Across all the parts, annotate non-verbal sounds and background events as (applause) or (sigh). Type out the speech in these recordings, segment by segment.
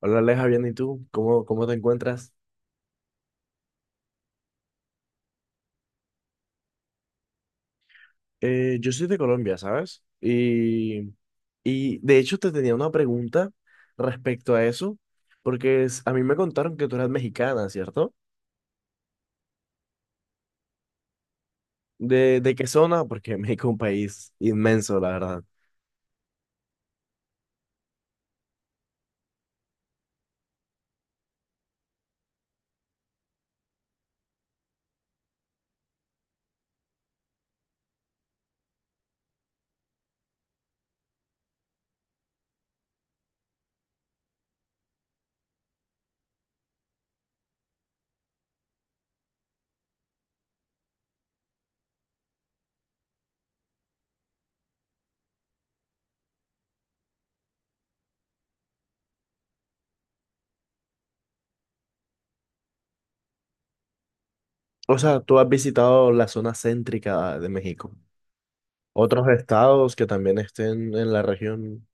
Hola Aleja, bien, ¿y tú? ¿Cómo te encuentras? Yo soy de Colombia, ¿sabes? Y de hecho te tenía una pregunta respecto a eso, porque a mí me contaron que tú eras mexicana, ¿cierto? ¿De qué zona? Porque (laughs) México es un país inmenso, la verdad. O sea, ¿tú has visitado la zona céntrica de México? ¿Otros estados que también estén en la región?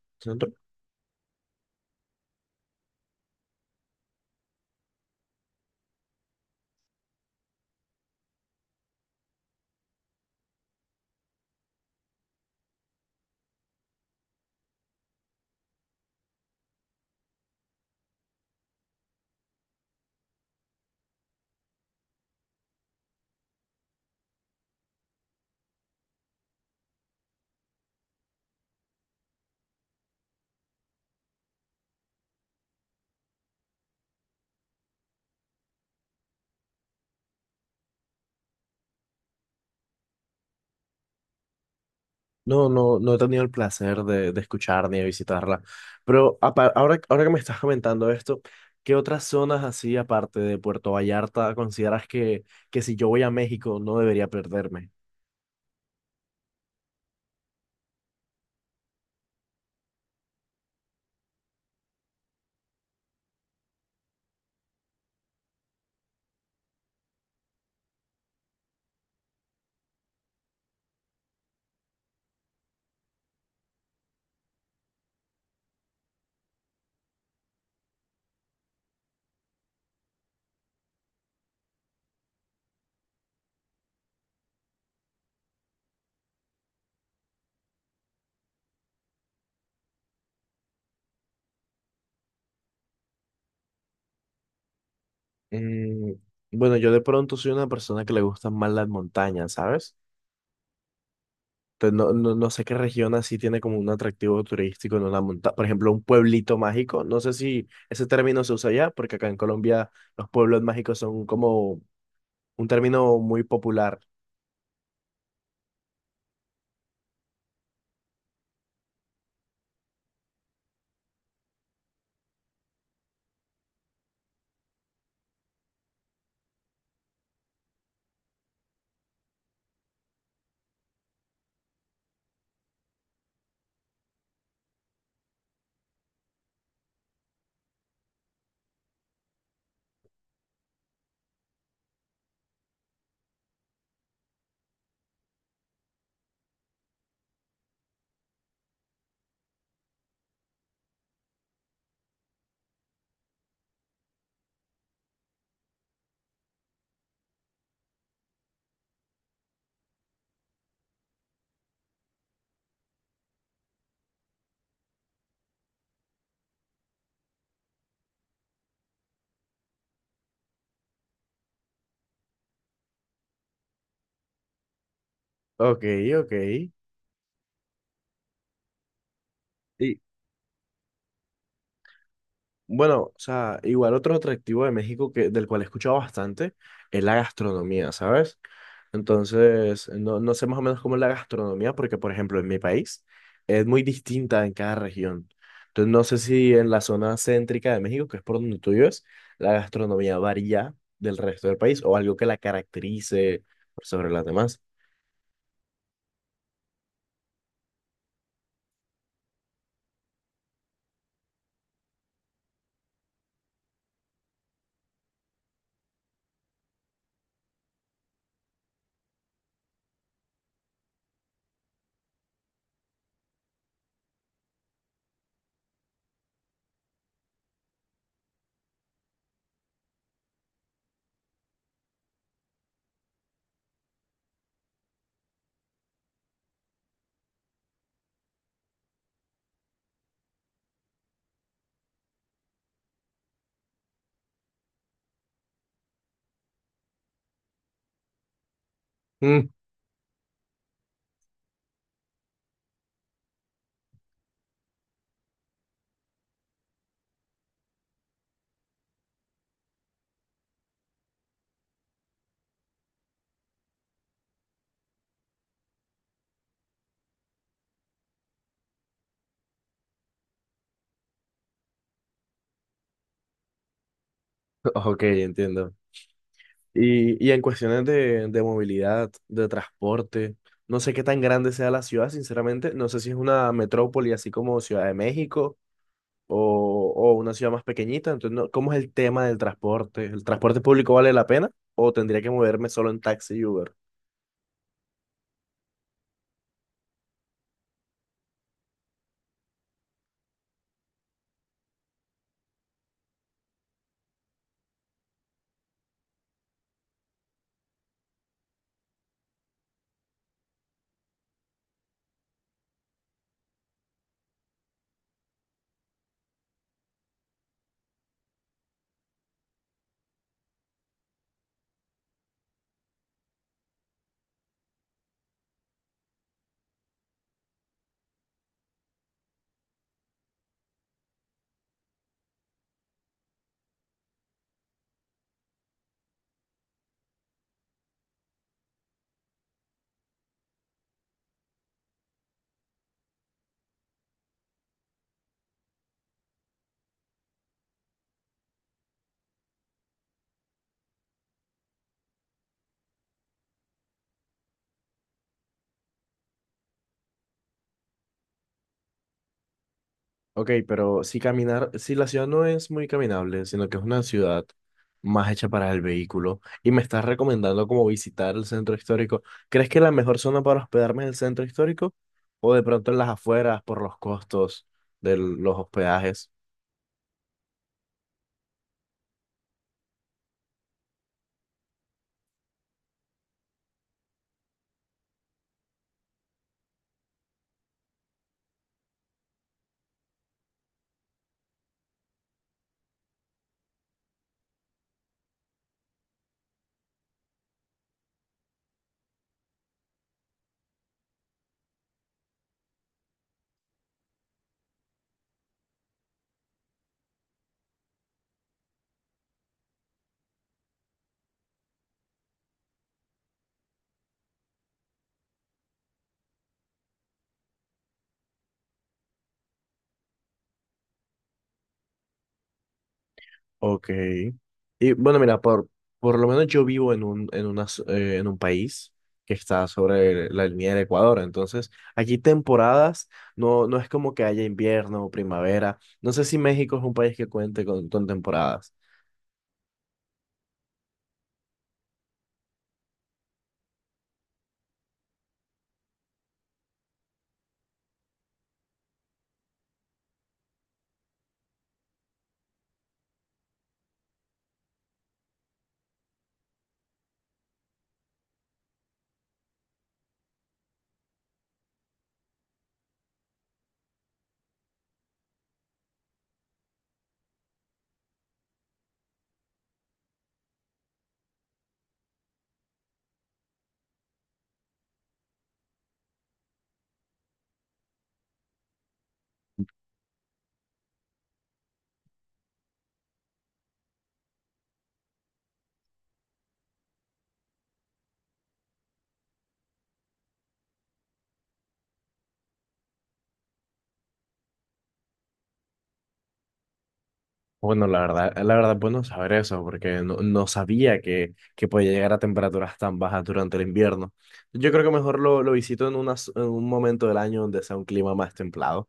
No, no, no he tenido el placer de escuchar ni de visitarla. Pero ahora que me estás comentando esto, ¿qué otras zonas así, aparte de Puerto Vallarta, consideras que si yo voy a México no debería perderme? Mm, bueno, yo de pronto soy una persona que le gustan más las montañas, ¿sabes? Entonces, no, no, no sé qué región así tiene como un atractivo turístico en una montaña. Por ejemplo, un pueblito mágico. No sé si ese término se usa allá, porque acá en Colombia los pueblos mágicos son como un término muy popular. Ok, ok. Y bueno, o sea, igual otro atractivo de México, que, del cual he escuchado bastante, es la gastronomía, ¿sabes? Entonces, no, no sé más o menos cómo es la gastronomía, porque por ejemplo en mi país es muy distinta en cada región. Entonces, no sé si en la zona céntrica de México, que es por donde tú vives, la gastronomía varía del resto del país o algo que la caracterice por sobre las demás. Mm, (laughs) ok, entiendo. Y en cuestiones de movilidad, de transporte, no sé qué tan grande sea la ciudad. Sinceramente, no sé si es una metrópoli así como Ciudad de México o una ciudad más pequeñita. Entonces, no- ¿cómo es el tema del transporte? ¿El transporte público vale la pena o tendría que moverme solo en taxi y Uber? Ok, pero si caminar, si la ciudad no es muy caminable, sino que es una ciudad más hecha para el vehículo, y me estás recomendando como visitar el centro histórico, ¿crees que la mejor zona para hospedarme es el centro histórico? ¿O de pronto en las afueras por los costos de los hospedajes? Ok. Y bueno, mira, por lo menos yo vivo en un, en una en un país que está sobre la línea del Ecuador. Entonces, aquí temporadas no, no es como que haya invierno o primavera. No sé si México es un país que cuente con temporadas. Bueno, la verdad, bueno saber eso, porque no, no sabía que podía llegar a temperaturas tan bajas durante el invierno. Yo creo que mejor lo visito en, en un momento del año donde sea un clima más templado.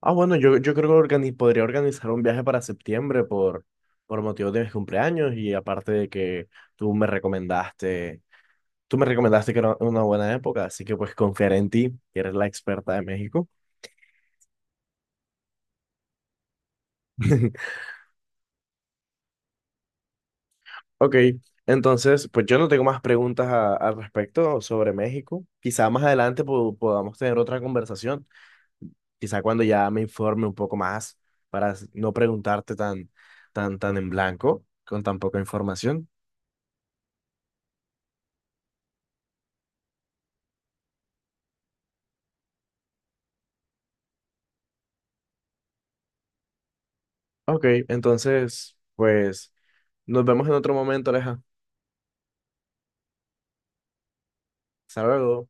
Ah, bueno, yo creo que podría organizar un viaje para septiembre por motivo de mis cumpleaños. Y aparte de que tú me recomendaste, tú me recomendaste que era una buena época, así que pues confiaré en ti, que eres la experta de México. (laughs) Ok, entonces pues yo no tengo más preguntas al respecto sobre México. Quizá más adelante podamos tener otra conversación, quizá cuando ya me informe un poco más para no preguntarte tan en blanco, con tan poca información. Ok, entonces, pues nos vemos en otro momento, Aleja. Hasta luego.